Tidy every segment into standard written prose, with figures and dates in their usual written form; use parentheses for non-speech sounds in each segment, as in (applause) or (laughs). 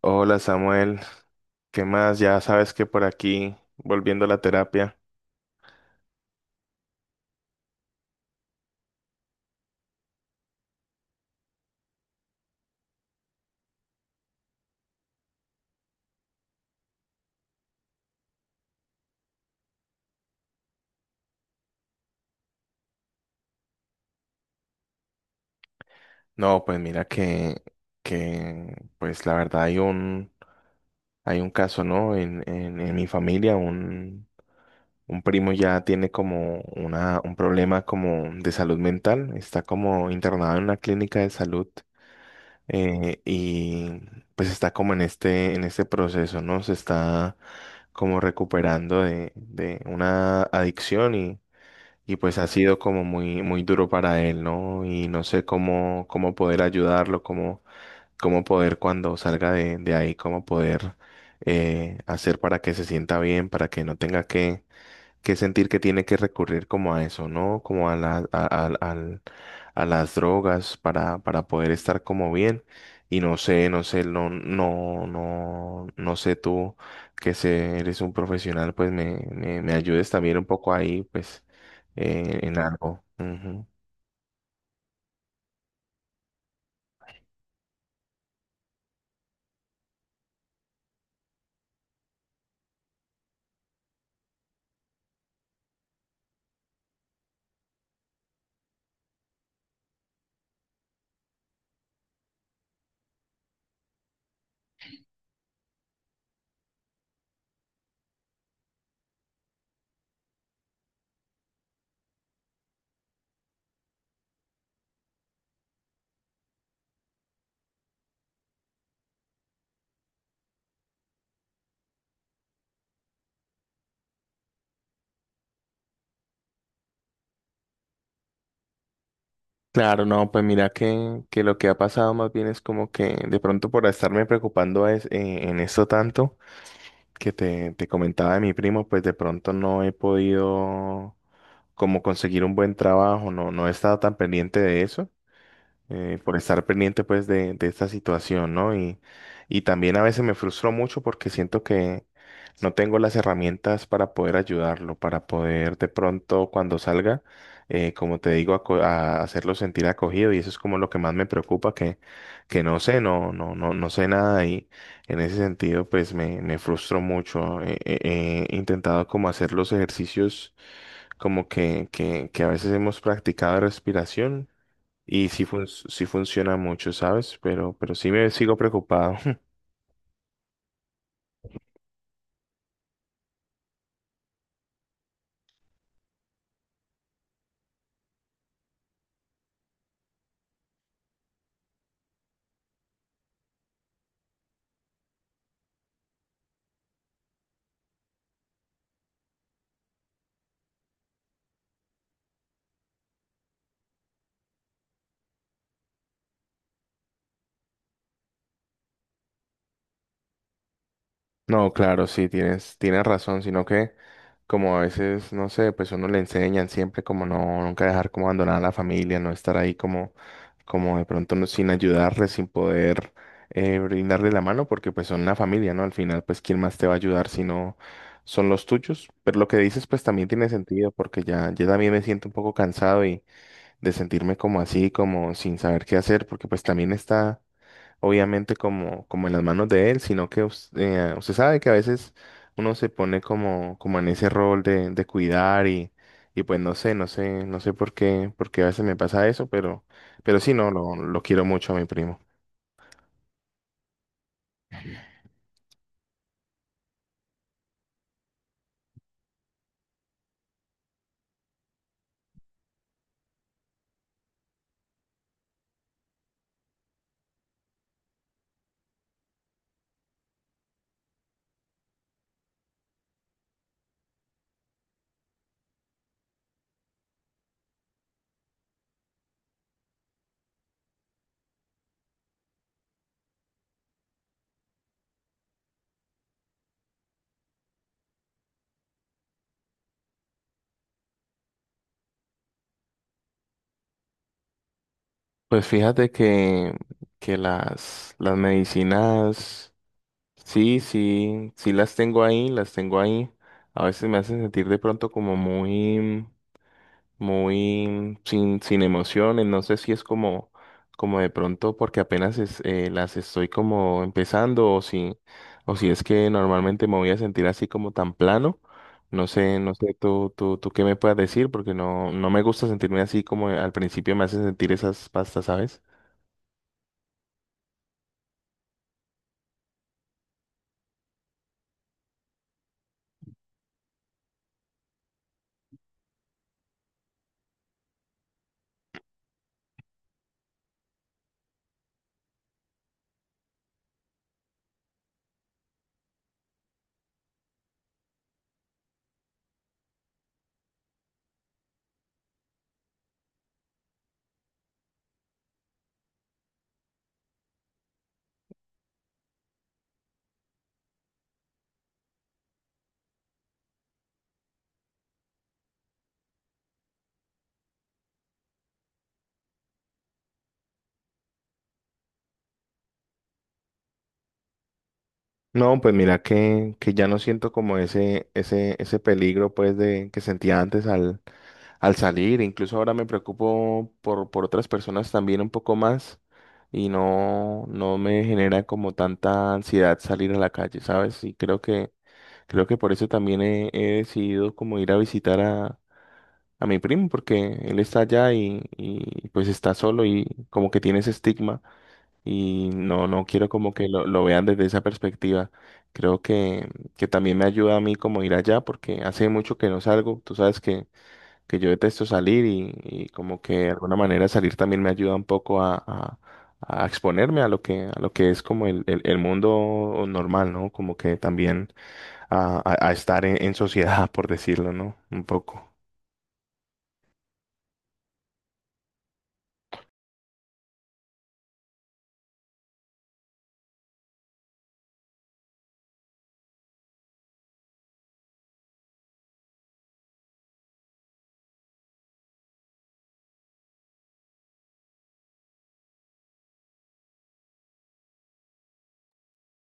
Hola Samuel, ¿qué más? Ya sabes que por aquí, volviendo a la terapia. No, pues mira que pues la verdad hay un caso, ¿no? En mi familia, un primo ya tiene como un problema como de salud mental, está como internado en una clínica de salud y pues está como en en este proceso, ¿no? Se está como recuperando de una adicción y pues ha sido como muy duro para él, ¿no? Y no sé cómo, cómo poder ayudarlo, cómo, cómo poder cuando salga de ahí, cómo poder hacer para que se sienta bien, para que no tenga que sentir que tiene que recurrir como a eso, ¿no? Como a a las drogas para poder estar como bien. Y no sé, no sé, no sé tú que se, eres un profesional, pues me ayudes también un poco ahí, pues, en algo. Ujú. Claro, no, pues mira que lo que ha pasado más bien es como que de pronto por estarme preocupando es, en esto tanto que te comentaba de mi primo, pues de pronto no he podido como conseguir un buen trabajo, no, no he estado tan pendiente de eso por estar pendiente pues de esta situación, ¿no? Y también a veces me frustro mucho porque siento que no tengo las herramientas para poder ayudarlo, para poder de pronto cuando salga, como te digo, a hacerlo sentir acogido y eso es como lo que más me preocupa, que no sé, no sé nada y en ese sentido pues me frustro mucho. He intentado como hacer los ejercicios como que a veces hemos practicado de respiración y sí, sí funciona mucho, ¿sabes? Pero sí me sigo preocupado. (laughs) No, claro, sí, tienes, tienes razón, sino que como a veces, no sé, pues uno le enseñan siempre como no, nunca dejar como abandonar a la familia, no estar ahí como, como de pronto sin ayudarle, sin poder brindarle la mano, porque pues son la familia, ¿no? Al final, pues, ¿quién más te va a ayudar si no son los tuyos? Pero lo que dices, pues también tiene sentido, porque ya, ya también me siento un poco cansado de sentirme como así, como sin saber qué hacer, porque pues también está obviamente como, como en las manos de él, sino que usted sabe que a veces uno se pone como, como en ese rol de cuidar y pues no sé, no sé, no sé por qué a veces me pasa eso, pero sí, no, lo quiero mucho a mi primo. Pues fíjate que las medicinas, sí, sí, sí las tengo ahí, las tengo ahí. A veces me hacen sentir de pronto como muy, muy sin, sin emociones. No sé si es como, como de pronto porque apenas las estoy como empezando o si es que normalmente me voy a sentir así como tan plano. No sé, no sé tú, tú qué me puedas decir porque no, no me gusta sentirme así como al principio me hacen sentir esas pastas, ¿sabes? No, pues mira que ya no siento como ese, ese peligro pues de que sentía antes al al salir, incluso ahora me preocupo por otras personas también un poco más y no, no me genera como tanta ansiedad salir a la calle, ¿sabes? Y creo que por eso también he, he decidido como ir a visitar a mi primo, porque él está allá y pues está solo y como que tiene ese estigma y no, no quiero como que lo vean desde esa perspectiva. Creo que también me ayuda a mí como ir allá porque hace mucho que no salgo, tú sabes que yo detesto salir y como que de alguna manera salir también me ayuda un poco a exponerme a lo que es como el, el mundo normal, ¿no? Como que también a estar en sociedad, (laughs) por decirlo, ¿no? Un poco.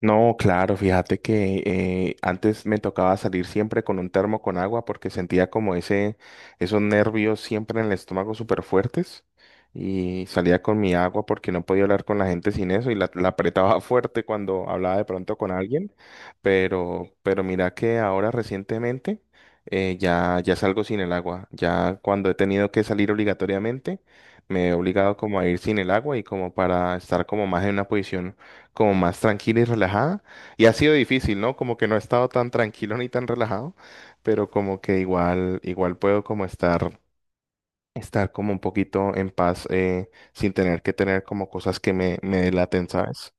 No, claro, fíjate que antes me tocaba salir siempre con un termo con agua porque sentía como ese, esos nervios siempre en el estómago súper fuertes y salía con mi agua porque no podía hablar con la gente sin eso y la apretaba (laughs) fuerte cuando hablaba de pronto con alguien, pero mira que ahora recientemente ya, ya salgo sin el agua, ya cuando he tenido que salir obligatoriamente me he obligado como a ir sin el agua y como para estar como más en una posición como más tranquila y relajada. Y ha sido difícil, ¿no? Como que no he estado tan tranquilo ni tan relajado, pero como que igual, igual puedo como estar, estar como un poquito en paz sin tener que tener como cosas que me delaten, ¿sabes?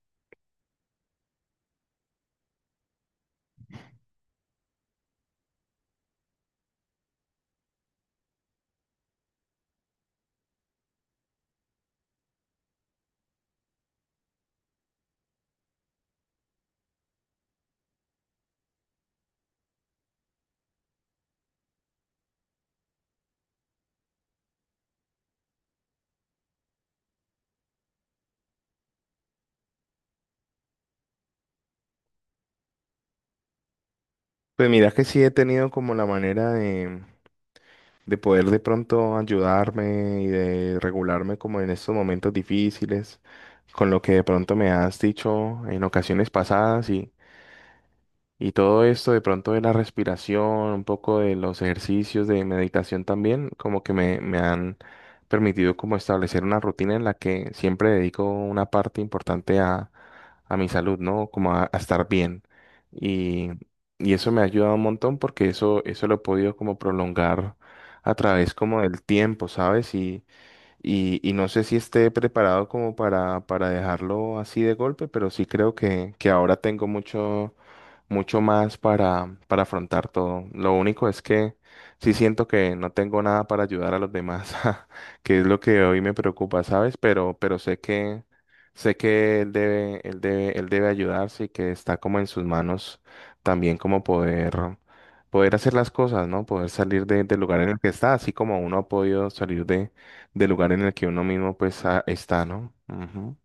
Pues mira que sí he tenido como la manera de poder de pronto ayudarme y de regularme como en estos momentos difíciles, con lo que de pronto me has dicho en ocasiones pasadas. Y todo esto de pronto de la respiración, un poco de los ejercicios de meditación también, como que me han permitido como establecer una rutina en la que siempre dedico una parte importante a mi salud, ¿no? Como a estar bien. Y, y eso me ha ayudado un montón porque eso lo he podido como prolongar a través como del tiempo, ¿sabes? Y no sé si esté preparado como para dejarlo así de golpe, pero sí creo que ahora tengo mucho, mucho más para afrontar todo. Lo único es que sí siento que no tengo nada para ayudar a los demás, (laughs) que es lo que hoy me preocupa, ¿sabes? Pero sé que, él debe ayudarse y que está como en sus manos también como poder, poder hacer las cosas, ¿no? Poder salir del lugar en el que está, así como uno ha podido salir de del lugar en el que uno mismo pues está, ¿no? Ujú.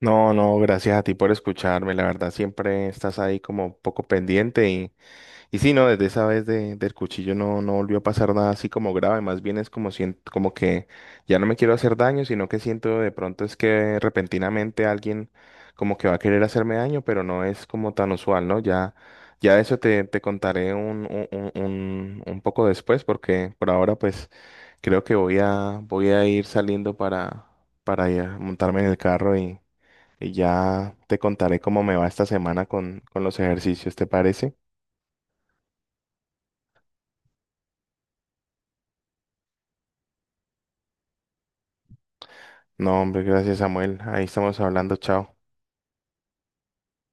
No, no, gracias a ti por escucharme, la verdad siempre estás ahí como un poco pendiente. Y sí, no, desde esa vez del cuchillo no, no volvió a pasar nada así como grave, más bien es como siento como que ya no me quiero hacer daño, sino que siento de pronto es que repentinamente alguien como que va a querer hacerme daño, pero no es como tan usual, ¿no? Ya, ya de eso te, te contaré un poco después, porque por ahora pues creo que voy a, voy a ir saliendo para ya montarme en el carro y ya te contaré cómo me va esta semana con los ejercicios, ¿te parece? No, hombre, gracias, Samuel. Ahí estamos hablando, chao.